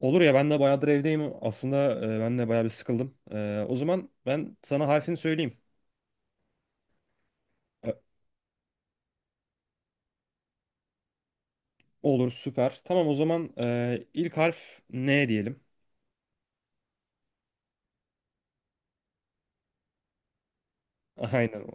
Olur ya ben de bayağıdır evdeyim. Aslında ben de bayağı bir sıkıldım. O zaman ben sana harfini söyleyeyim. E, olur, süper. Tamam o zaman ilk harf N diyelim. Aynen.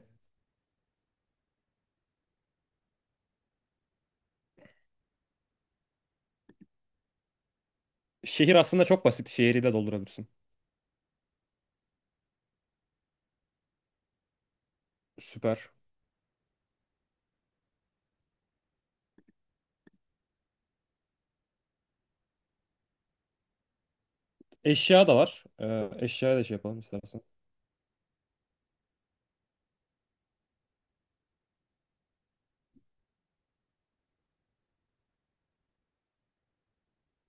Şehir aslında çok basit. Şehri de doldurabilirsin. Süper. Eşya da var. Eşyaya da şey yapalım istersen.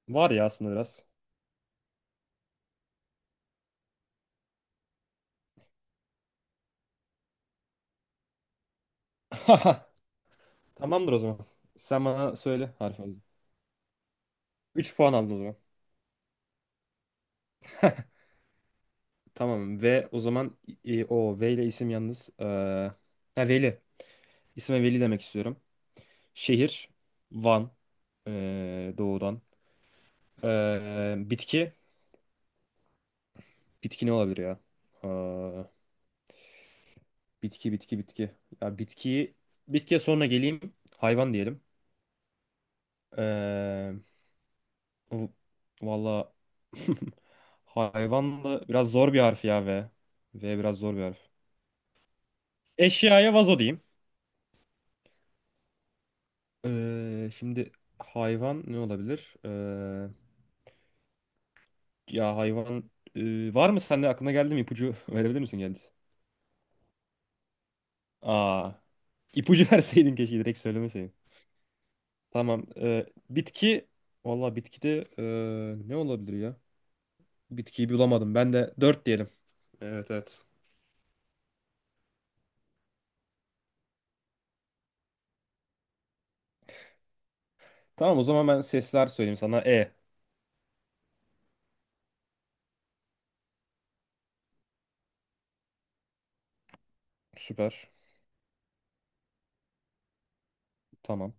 Var ya aslında biraz. Tamamdır o zaman. Sen bana söyle, harf aldım. 3 puan aldın o zaman. Tamam, ve o zaman o V ile isim yalnız. Ha, Veli. İsme Veli demek istiyorum. Şehir Van, doğudan. Eee, bitki bitki ne olabilir ya? Eee, bitki bitki bitki. Ya bitkiye sonra geleyim. Hayvan diyelim. Eee v- valla hayvan da biraz zor bir harf ya, ve biraz zor bir harf. Eşyaya vazo diyeyim. Şimdi hayvan ne olabilir? Ya hayvan, var mı sende, aklına geldi mi? İpucu verebilir misin, geldi? Aa. İpucu verseydin, keşke direkt söylemeseydin. Tamam. Bitki. Valla bitkide ne olabilir ya? Bitkiyi bulamadım. Ben de 4 diyelim. Evet, evet. Tamam o zaman ben sesler söyleyeyim sana. E. Süper. Tamam.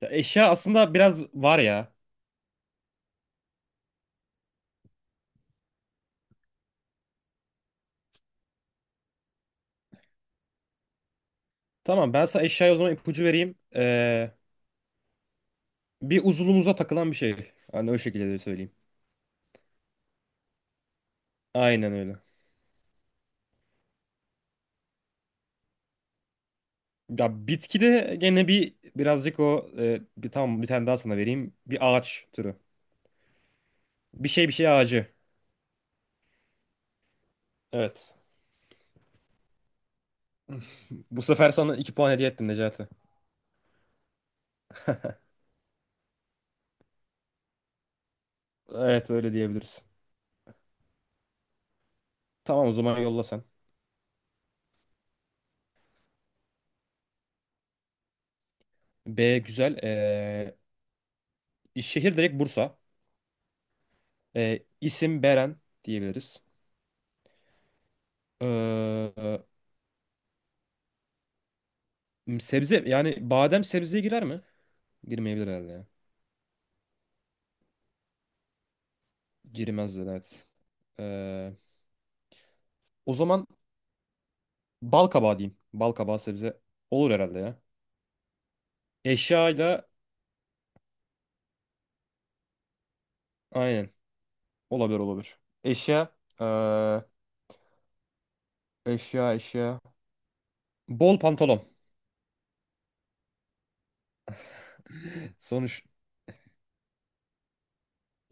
Ya eşya aslında biraz var ya. Tamam, ben sana eşyaya o zaman ipucu vereyim. Bir uzunluğumuza takılan bir şey. Hani o şekilde de söyleyeyim. Aynen öyle. Ya bitkide gene bir birazcık, o e, bir tamam, bir tane daha sana vereyim. Bir ağaç türü. Bir şey ağacı. Evet. Bu sefer sana 2 puan hediye ettim, Necati. Evet, öyle diyebiliriz. Tamam o zaman, yolla sen. B güzel. Şehir direkt Bursa. İsim Beren diyebiliriz. Ee, Sebze, yani badem sebzeye girer mi? Girmeyebilir herhalde ya. Girmez de, evet. Ee, O zaman bal kabağı diyeyim. Bal kabağı sebze olur herhalde ya. Eşyayla aynen, olabilir olabilir. Eşya, ee, eşya eşya. Bol pantolon. Sonuç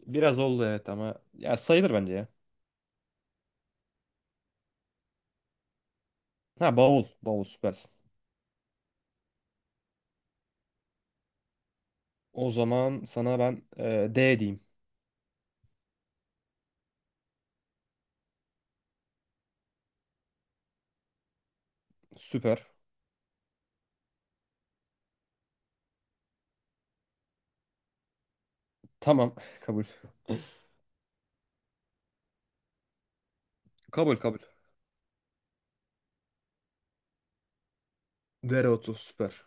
biraz oldu, evet, ama ya sayılır bence ya. Ha, bavul. Bavul, süpersin. O zaman sana ben D diyeyim. Süper. Tamam. Kabul. Kabul, kabul. Dereotu, süper.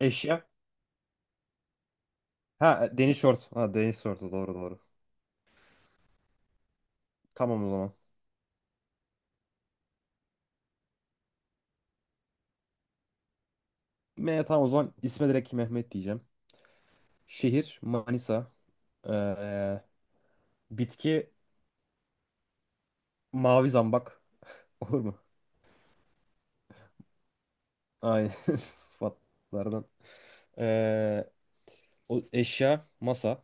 Eşya. Ha, deniz şort. Ha, deniz şortu, doğru doğru. Tamam o zaman. M, tamam o zaman isme direkt Mehmet diyeceğim. Şehir Manisa. Ee, Bitki mavi zambak. Olur mu? Aynen sıfatlardan. Ee, O eşya masa.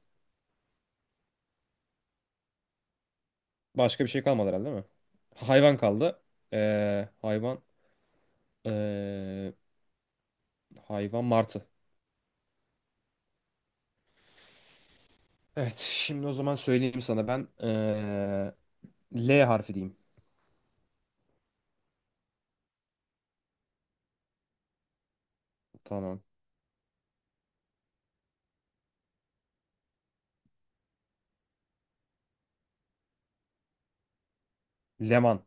Başka bir şey kalmadı herhalde, değil mi? Hayvan kaldı. Ee, hayvan ee, hayvan martı. Evet, şimdi o zaman söyleyeyim sana ben L harfi diyeyim. Tamam. Leman.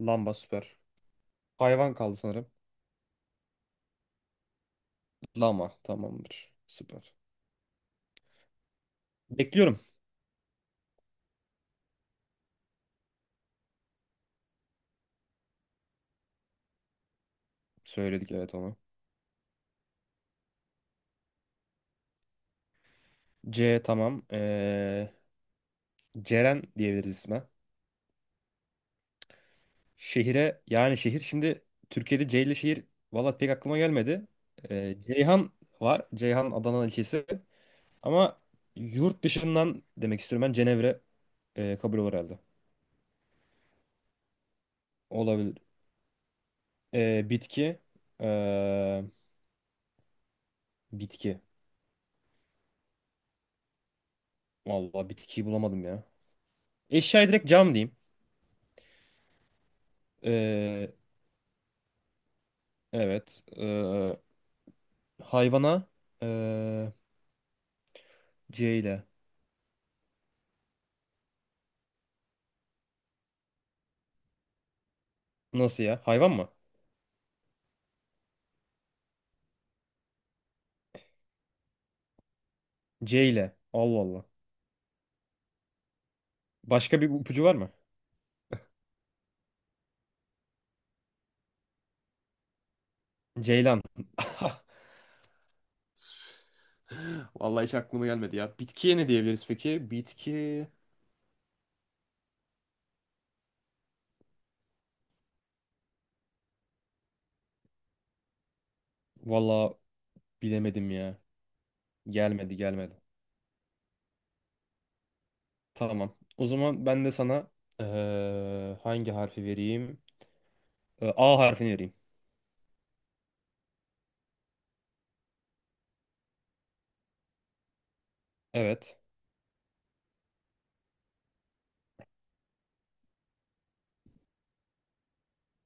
Lamba, süper. Hayvan kaldı sanırım. Lama, tamamdır. Süper. Bekliyorum. Söyledik, evet, onu. C, tamam. Ceren diyebiliriz isme. Şehire, yani şehir, şimdi Türkiye'de C ile şehir valla pek aklıma gelmedi. Ceyhan var. Ceyhan Adana ilçesi. Ama yurt dışından demek istiyorum, ben Cenevre, kabul olur herhalde. Olabilir. Bitki. e, bitki. Vallahi bitkiyi bulamadım ya. Eşyaya direkt cam diyeyim. E, evet. Hayvana, e, C ile. Nasıl ya? Hayvan mı? C ile. Allah Allah. Başka bir ipucu var mı? Ceylan. Vallahi hiç aklıma gelmedi ya. Bitkiye ne diyebiliriz peki? Bitki... Vallahi bilemedim ya. Gelmedi, gelmedi. Tamam. O zaman ben de sana hangi harfi vereyim? A harfini vereyim. Evet.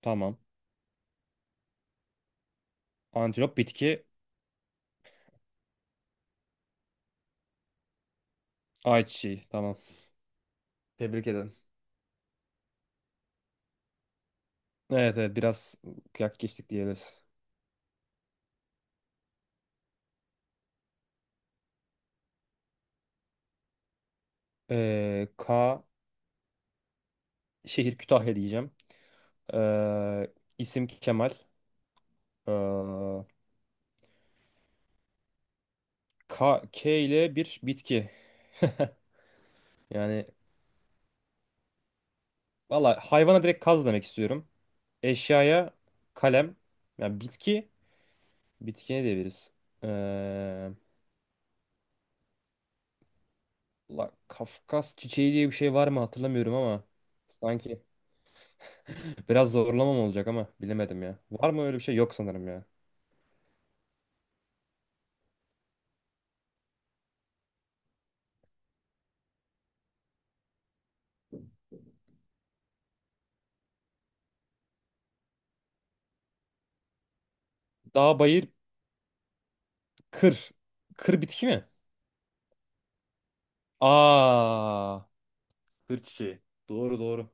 Tamam. Antilop, bitki ayçiçeği. Tamam. Tebrik ederim. Evet evet, biraz kıyak geçtik diyebiliriz. K, şehir Kütahya diyeceğim. İsim Kemal. Eee, K, K ile bir bitki. Yani valla hayvana direkt kaz demek istiyorum. Eşyaya kalem. Yani bitki, bitki ne diyebiliriz? Ee, Kafkas çiçeği diye bir şey var mı hatırlamıyorum ama sanki biraz zorlamam olacak, ama bilemedim ya. Var mı öyle bir şey? Yok sanırım ya. Dağ, bayır, kır. Kır bitki mi? Aa, kır çiçeği. Doğru, doğru.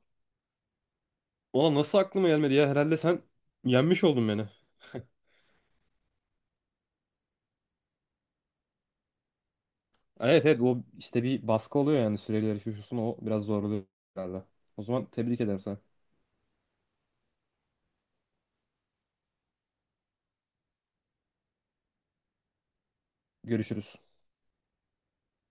Ona nasıl aklıma gelmedi ya? Herhalde sen yenmiş oldun beni. Evet evet, o işte bir baskı oluyor, yani süreli yarışıyorsun, o biraz zorluyor herhalde. O zaman tebrik ederim sana. Görüşürüz.